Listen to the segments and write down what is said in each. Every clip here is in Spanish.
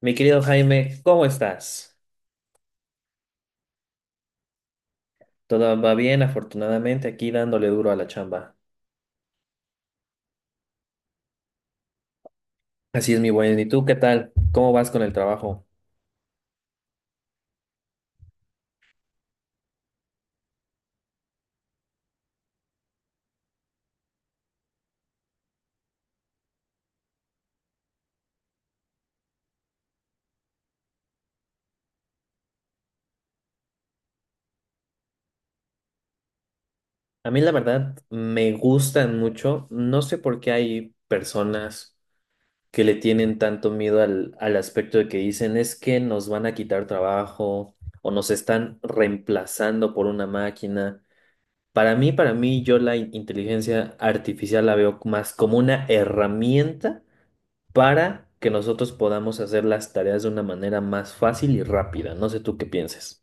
Mi querido Jaime, ¿cómo estás? Todo va bien, afortunadamente, aquí dándole duro a la chamba. Así es, mi buen. ¿Y tú qué tal? ¿Cómo vas con el trabajo? A mí, la verdad, me gustan mucho. No sé por qué hay personas que le tienen tanto miedo al aspecto de que dicen es que nos van a quitar trabajo o nos están reemplazando por una máquina. Para mí, yo la inteligencia artificial la veo más como una herramienta para que nosotros podamos hacer las tareas de una manera más fácil y rápida. No sé tú qué pienses.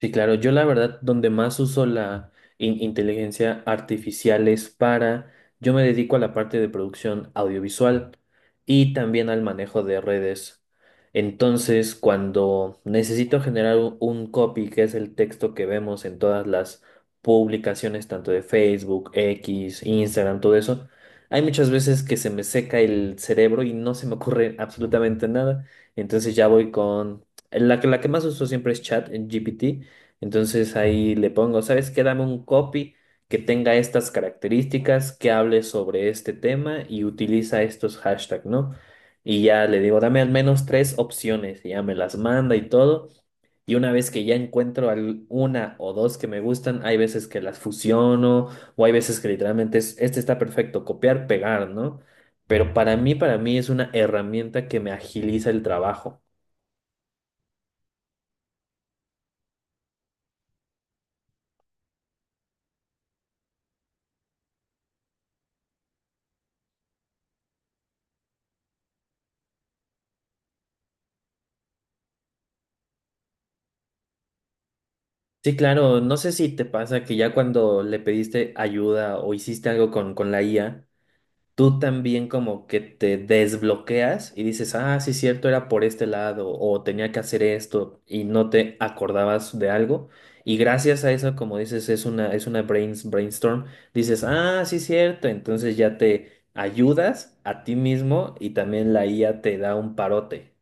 Sí, claro, yo la verdad donde más uso la inteligencia artificial es para, yo me dedico a la parte de producción audiovisual y también al manejo de redes. Entonces, cuando necesito generar un copy, que es el texto que vemos en todas las publicaciones, tanto de Facebook, X, Instagram, todo eso, hay muchas veces que se me seca el cerebro y no se me ocurre absolutamente nada. Entonces ya voy con... La que más uso siempre es Chat en ChatGPT, entonces ahí le pongo, ¿sabes qué? Dame un copy que tenga estas características, que hable sobre este tema y utiliza estos hashtags, ¿no? Y ya le digo, dame al menos tres opciones, y ya me las manda y todo. Y una vez que ya encuentro una o dos que me gustan, hay veces que las fusiono o hay veces que literalmente es, este está perfecto, copiar, pegar, ¿no? Pero para mí es una herramienta que me agiliza el trabajo. Sí, claro, no sé si te pasa que ya cuando le pediste ayuda o hiciste algo con la IA, tú también como que te desbloqueas y dices, ah, sí, cierto, era por este lado o tenía que hacer esto y no te acordabas de algo. Y gracias a eso, como dices, es una brainstorm, dices, ah, sí, cierto, entonces ya te ayudas a ti mismo y también la IA te da un parote.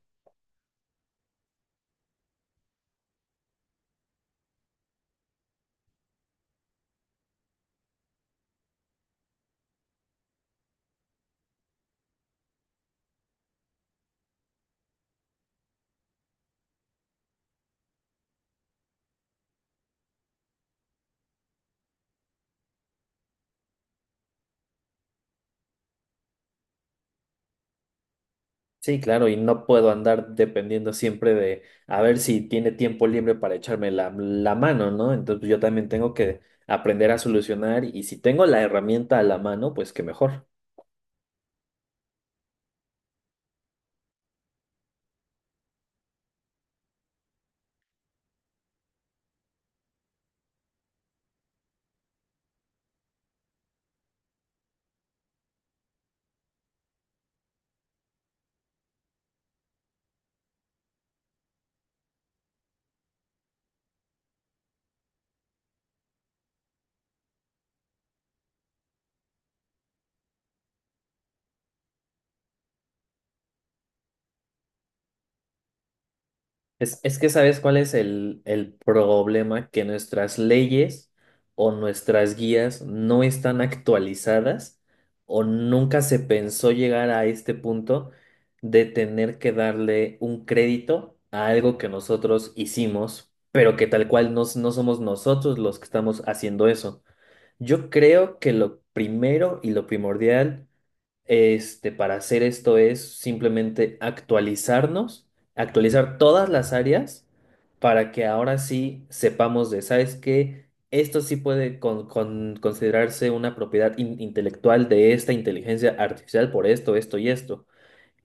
Sí, claro, y no puedo andar dependiendo siempre de a ver si tiene tiempo libre para echarme la mano, ¿no? Entonces pues, yo también tengo que aprender a solucionar y si tengo la herramienta a la mano, pues qué mejor. Es que sabes cuál es el problema, que nuestras leyes o nuestras guías no están actualizadas o nunca se pensó llegar a este punto de tener que darle un crédito a algo que nosotros hicimos, pero que tal cual no, no somos nosotros los que estamos haciendo eso. Yo creo que lo primero y lo primordial este, para hacer esto es simplemente actualizarnos, actualizar todas las áreas para que ahora sí sepamos de, ¿sabes qué? Esto sí puede considerarse una propiedad intelectual de esta inteligencia artificial por esto, esto y esto.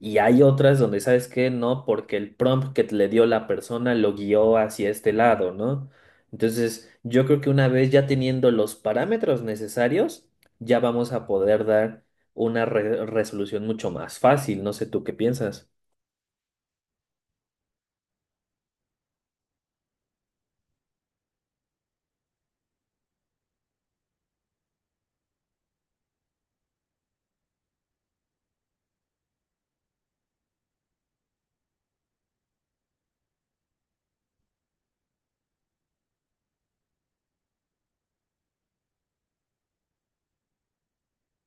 Y hay otras donde, ¿sabes que no? Porque el prompt que le dio la persona lo guió hacia este lado, ¿no? Entonces, yo creo que una vez ya teniendo los parámetros necesarios, ya vamos a poder dar una resolución mucho más fácil. No sé tú qué piensas.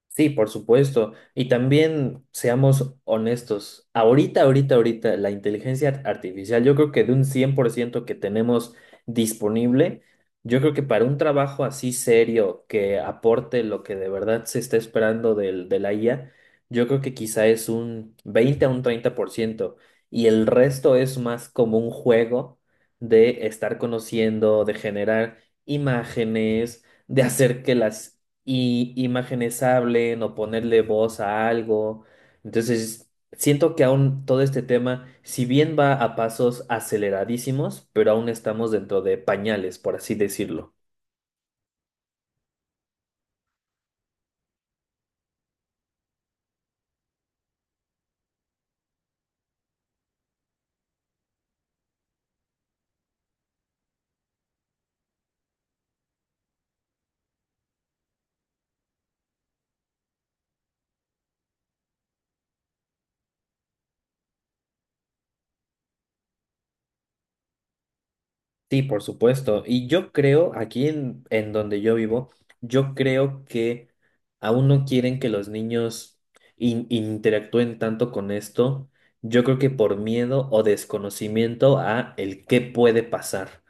Sí, por supuesto. Y también seamos honestos. Ahorita, la inteligencia artificial, yo creo que de un 100% que tenemos disponible, yo creo que para un trabajo así serio que aporte lo que de verdad se está esperando del, de la IA, yo creo que quizá es un 20 a un 30%. Y el resto es más como un juego de estar conociendo, de generar imágenes, de hacer que las y imágenes hablen o ponerle voz a algo. Entonces, siento que aún todo este tema, si bien va a pasos aceleradísimos, pero aún estamos dentro de pañales, por así decirlo. Sí, por supuesto. Y yo creo, aquí en donde yo vivo, yo creo que aún no quieren que los niños interactúen tanto con esto. Yo creo que por miedo o desconocimiento a el qué puede pasar.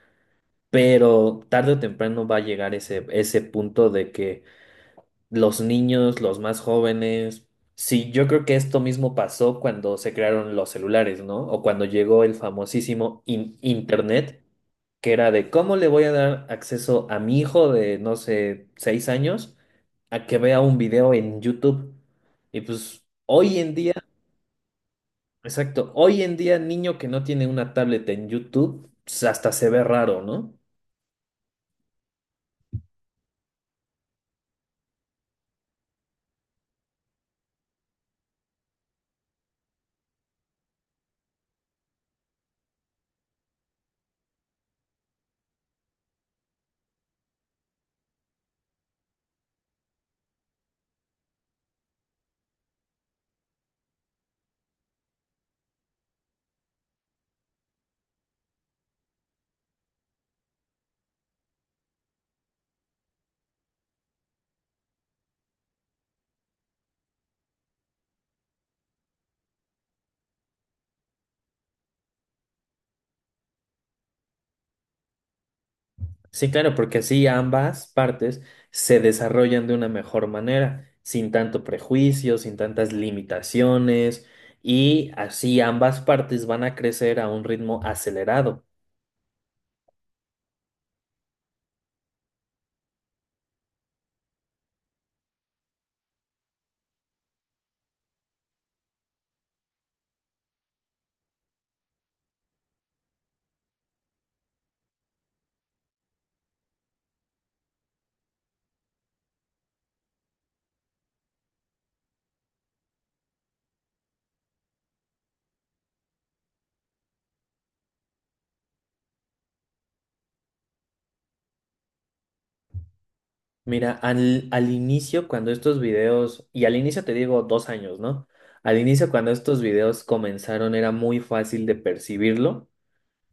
Pero tarde o temprano va a llegar ese punto de que los niños, los más jóvenes, sí, yo creo que esto mismo pasó cuando se crearon los celulares, ¿no? O cuando llegó el famosísimo Internet, que era de cómo le voy a dar acceso a mi hijo de, no sé, 6 años a que vea un video en YouTube. Y pues hoy en día, exacto, hoy en día niño que no tiene una tablet en YouTube, pues, hasta se ve raro, ¿no? Sí, claro, porque así ambas partes se desarrollan de una mejor manera, sin tanto prejuicio, sin tantas limitaciones, y así ambas partes van a crecer a un ritmo acelerado. Mira, al inicio, cuando estos videos, y al inicio te digo 2 años, ¿no? Al inicio, cuando estos videos comenzaron, era muy fácil de percibirlo,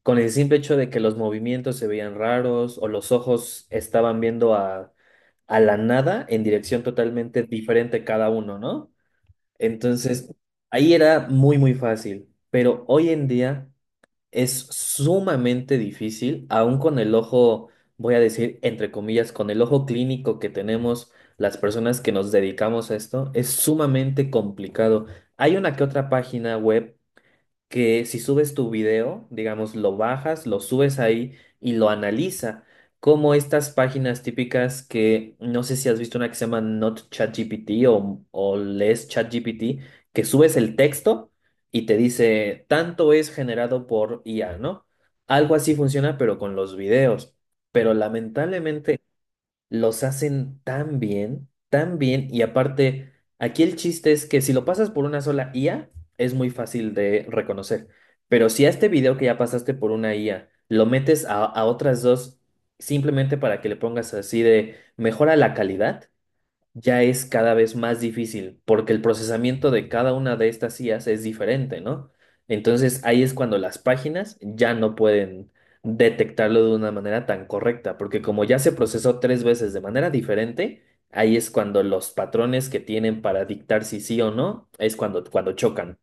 con el simple hecho de que los movimientos se veían raros o los ojos estaban viendo a la nada en dirección totalmente diferente cada uno, ¿no? Entonces, ahí era muy fácil, pero hoy en día es sumamente difícil, aún con el ojo, voy a decir, entre comillas, con el ojo clínico que tenemos las personas que nos dedicamos a esto, es sumamente complicado. Hay una que otra página web que si subes tu video, digamos, lo bajas, lo subes ahí y lo analiza, como estas páginas típicas que no sé si has visto una que se llama Not ChatGPT o lees ChatGPT, que subes el texto y te dice, tanto es generado por IA, ¿no? Algo así funciona, pero con los videos. Pero lamentablemente los hacen tan bien, y aparte, aquí el chiste es que si lo pasas por una sola IA, es muy fácil de reconocer, pero si a este video que ya pasaste por una IA, lo metes a otras dos simplemente para que le pongas así de mejora la calidad, ya es cada vez más difícil, porque el procesamiento de cada una de estas IAs es diferente, ¿no? Entonces ahí es cuando las páginas ya no pueden detectarlo de una manera tan correcta, porque como ya se procesó 3 veces de manera diferente, ahí es cuando los patrones que tienen para dictar si sí o no, es cuando, cuando chocan.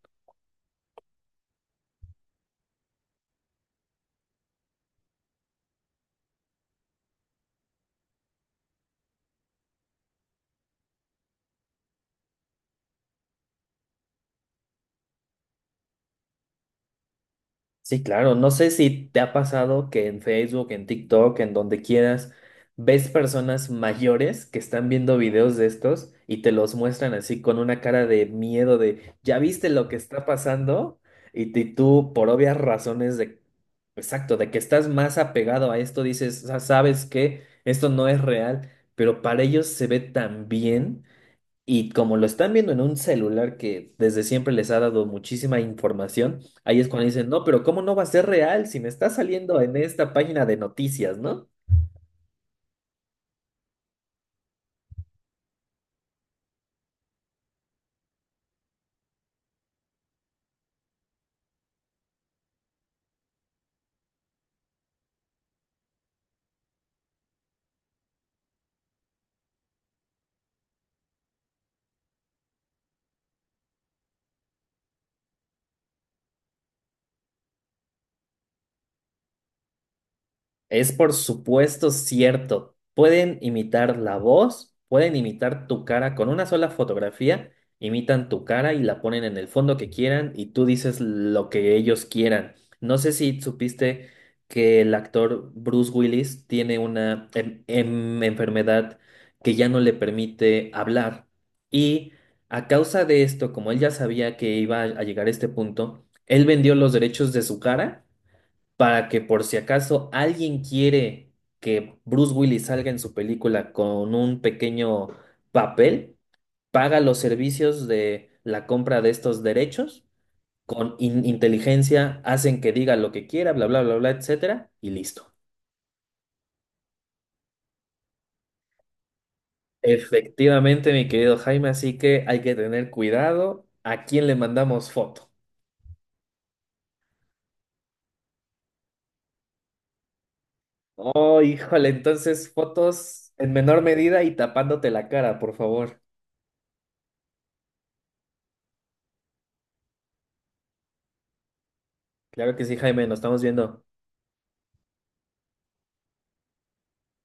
Sí, claro. No sé si te ha pasado que en Facebook, en TikTok, en donde quieras, ves personas mayores que están viendo videos de estos y te los muestran así con una cara de miedo de, ¿ya viste lo que está pasando? Y, tú, por obvias razones de, exacto, de que estás más apegado a esto, dices, "Sa- ¿sabes qué? Esto no es real, pero para ellos se ve tan bien. Y como lo están viendo en un celular que desde siempre les ha dado muchísima información, ahí es cuando dicen, no, pero ¿cómo no va a ser real si me está saliendo en esta página de noticias, ¿no? Es por supuesto cierto. Pueden imitar la voz, pueden imitar tu cara. Con una sola fotografía, imitan tu cara y la ponen en el fondo que quieran y tú dices lo que ellos quieran. No sé si supiste que el actor Bruce Willis tiene una enfermedad que ya no le permite hablar. Y a causa de esto, como él ya sabía que iba a llegar a este punto, él vendió los derechos de su cara para que por si acaso alguien quiere que Bruce Willis salga en su película con un pequeño papel, paga los servicios de la compra de estos derechos, con inteligencia hacen que diga lo que quiera, bla, bla, bla, bla, etcétera, y listo. Efectivamente, mi querido Jaime, así que hay que tener cuidado a quién le mandamos foto. Oh, híjole, entonces fotos en menor medida y tapándote la cara, por favor. Claro que sí, Jaime, nos estamos viendo.